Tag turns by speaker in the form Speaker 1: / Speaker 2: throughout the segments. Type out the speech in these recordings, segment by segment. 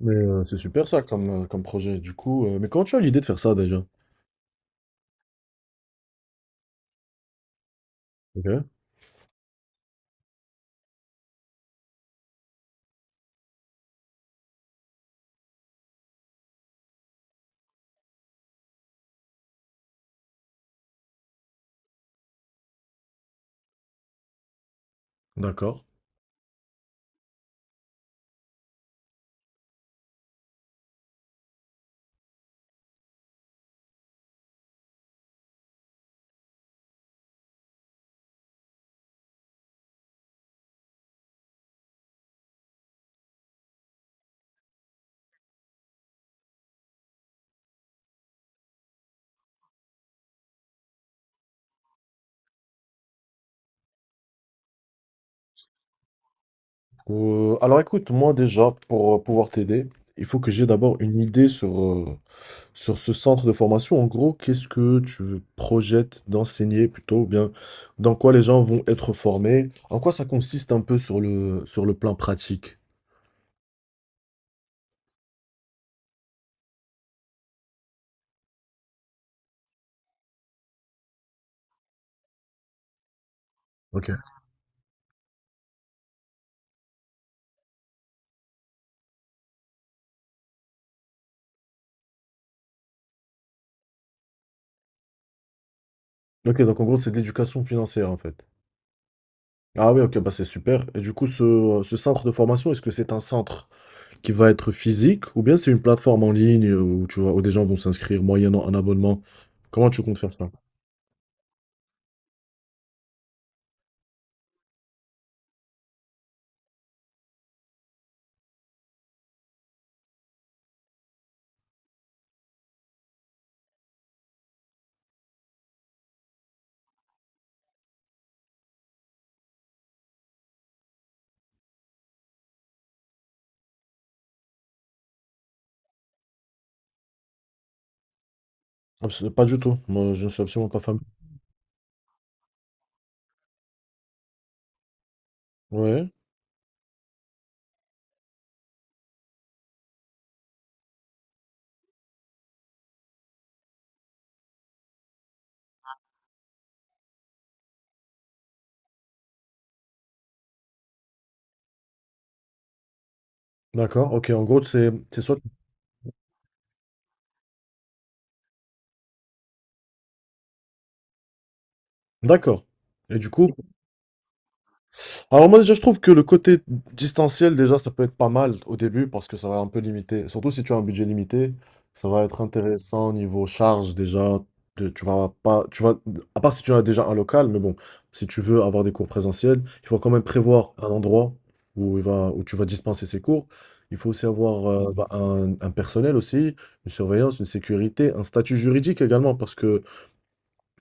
Speaker 1: Mais c'est super ça comme, comme projet. Du coup, mais comment tu as l'idée de faire ça déjà? Ok, d'accord. Alors écoute, moi déjà, pour pouvoir t'aider, il faut que j'ai d'abord une idée sur, sur ce centre de formation. En gros, qu'est-ce que tu projettes d'enseigner plutôt, ou bien dans quoi les gens vont être formés, en quoi ça consiste un peu sur le plan pratique. Ok. Ok, donc en gros, c'est de l'éducation financière en fait. Ah oui, ok, bah c'est super. Et du coup, ce centre de formation, est-ce que c'est un centre qui va être physique, ou bien c'est une plateforme en ligne où, tu vois, où des gens vont s'inscrire moyennant un abonnement? Comment tu comptes faire ça? Abs- pas du tout. Moi, je ne suis absolument pas familier. Ouais. D'accord. Ok. En gros, c'est soit. D'accord. Et du coup, alors moi déjà je trouve que le côté distanciel déjà ça peut être pas mal au début parce que ça va un peu limiter, surtout si tu as un budget limité, ça va être intéressant au niveau charge déjà, de- tu vas pas, tu vas, à part si tu as déjà un local, mais bon, si tu veux avoir des cours présentiels, il faut quand même prévoir un endroit où il va, où tu vas dispenser ces cours. Il faut aussi avoir bah, un personnel aussi, une surveillance, une sécurité, un statut juridique également parce que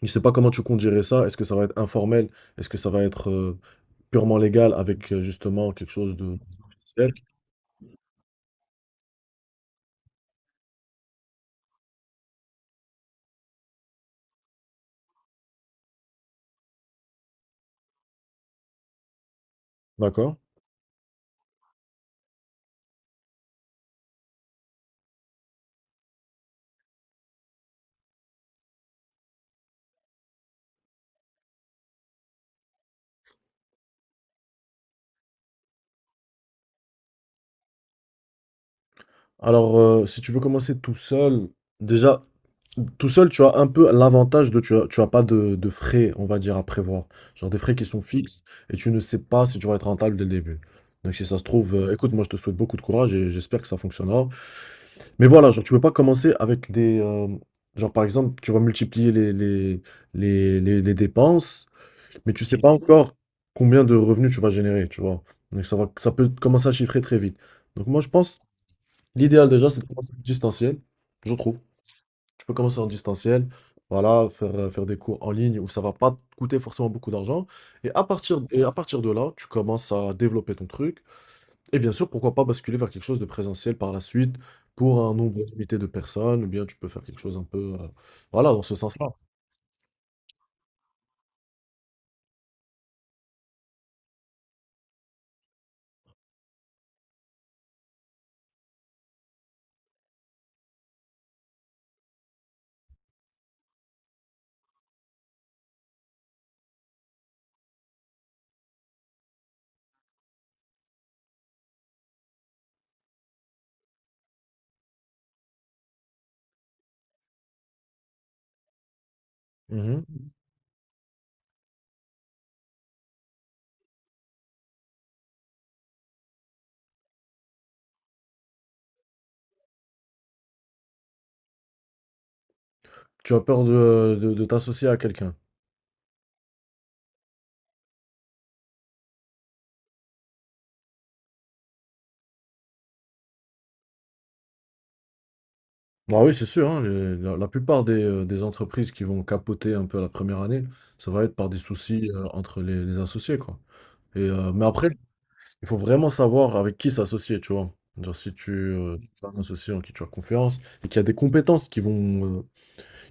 Speaker 1: je sais pas comment tu comptes gérer ça, est-ce que ça va être informel, est-ce que ça va être purement légal avec, justement quelque chose de officiel. D'accord. Alors, si tu veux commencer tout seul, déjà, tout seul, tu as un peu l'avantage de, tu as pas de, de frais, on va dire, à prévoir. Genre des frais qui sont fixes et tu ne sais pas si tu vas être rentable dès le début. Donc, si ça se trouve, écoute, moi, je te souhaite beaucoup de courage et j'espère que ça fonctionnera. Mais voilà, genre, tu peux pas commencer avec des... genre, par exemple, tu vas multiplier les, les dépenses, mais tu sais Mhm. pas encore combien de revenus tu vas générer, tu vois. Donc, ça va, ça peut commencer à chiffrer très vite. Donc, moi, je pense l'idéal déjà, c'est de commencer en distanciel, je trouve. Tu peux commencer en distanciel, voilà, faire, faire des cours en ligne où ça va pas te coûter forcément beaucoup d'argent. Et à partir de là, tu commences à développer ton truc. Et bien sûr, pourquoi pas basculer vers quelque chose de présentiel par la suite pour un nombre limité de personnes, ou bien tu peux faire quelque chose un peu, voilà, dans ce sens-là. Mhm. Tu as peur de t'associer à quelqu'un. Ah oui, c'est sûr, hein, les- la plupart des entreprises qui vont capoter un peu à la première année, ça va être par des soucis entre les associés, quoi. Et, mais après, il faut vraiment savoir avec qui s'associer, tu vois. Genre, si tu, tu as un associé en qui tu as confiance et qu'il y a des compétences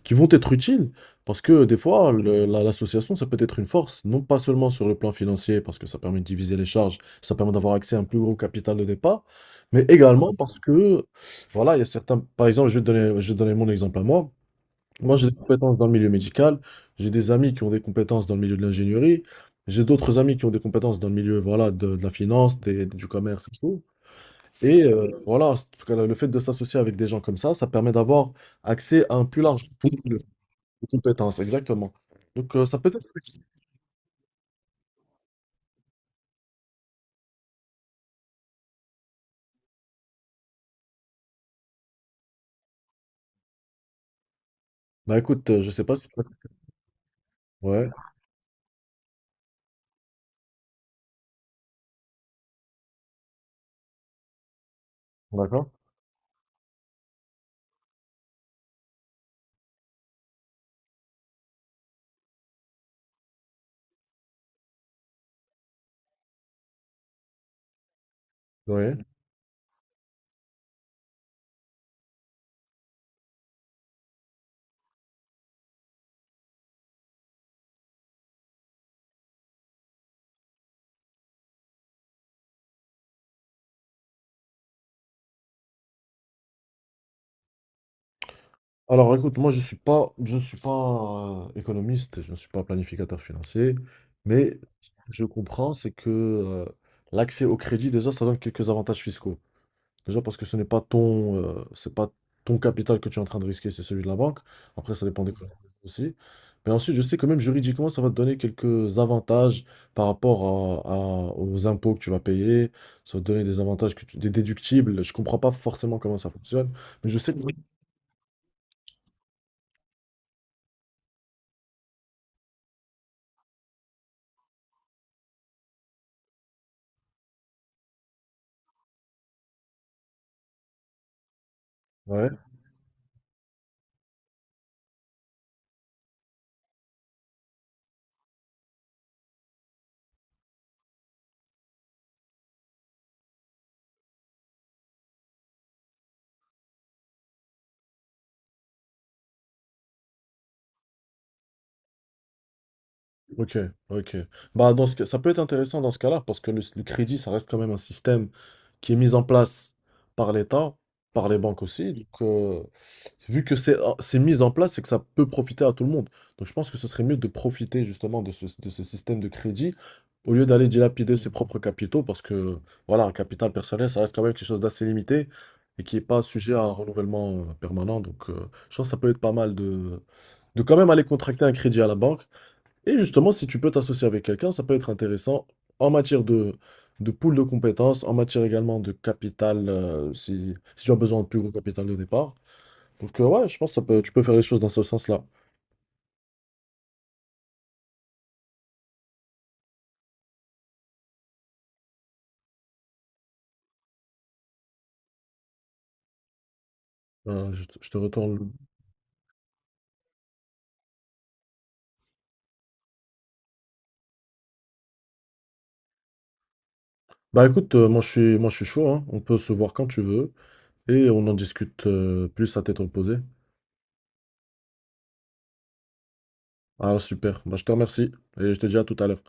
Speaker 1: qui vont être utiles, parce que des fois, le- la- l'association, ça peut être une force, non pas seulement sur le plan financier, parce que ça permet de diviser les charges, ça permet d'avoir accès à un plus gros capital de départ, mais également parce que, voilà, il y a certains, par exemple, je vais te donner mon exemple à moi. Moi, j'ai des compétences dans le milieu médical, j'ai des amis qui ont des compétences dans le milieu de l'ingénierie, j'ai d'autres amis qui ont des compétences dans le milieu voilà, de la finance, des- du commerce et tout. Et voilà, en tout cas, le fait de s'associer avec des gens comme ça permet d'avoir accès à un plus large pool de compétences, exactement. Donc, ça peut être... Bah écoute, je sais pas si... tu. Ouais, d'accord. Oui. Alors écoute, moi je suis pas, je ne suis pas économiste, je ne suis pas planificateur financier, mais ce que je comprends, c'est que l'accès au crédit, déjà, ça donne quelques avantages fiscaux. Déjà parce que ce n'est pas ton, c'est pas ton capital que tu es en train de risquer, c'est celui de la banque. Après, ça dépend des Mhm. clients aussi. Mais ensuite, je sais que même juridiquement, ça va te donner quelques avantages par rapport aux impôts que tu vas payer. Ça va te donner des avantages que tu- des déductibles. Je comprends pas forcément comment ça fonctionne, mais je sais que... Oui. Ok, ok. Bah, dans ce cas- ça peut être intéressant dans ce cas-là, parce que le crédit, ça reste quand même un système qui est mis en place par l'État, par les banques aussi. Donc, vu que c'est ah, c'est mis en place, c'est que ça peut profiter à tout le monde. Donc, je pense que ce serait mieux de profiter justement de de ce système de crédit au lieu d'aller dilapider ses propres capitaux, parce que, voilà, un capital personnel, ça reste quand même quelque chose d'assez limité et qui n'est pas sujet à un renouvellement permanent. Donc, je pense que ça peut être pas mal de quand même aller contracter un crédit à la banque et justement, si tu peux t'associer avec quelqu'un, ça peut être intéressant en matière de pool de compétences, en matière également de capital, si, si tu as besoin de plus gros capital de départ. Donc, ouais, je pense que ça peut, tu peux faire les choses dans ce sens-là. Je te retourne. Le- Bah écoute, moi je suis chaud, hein. On peut se voir quand tu veux et on en discute plus à tête reposée. Alors super, bah, je te remercie et je te dis à tout à l'heure.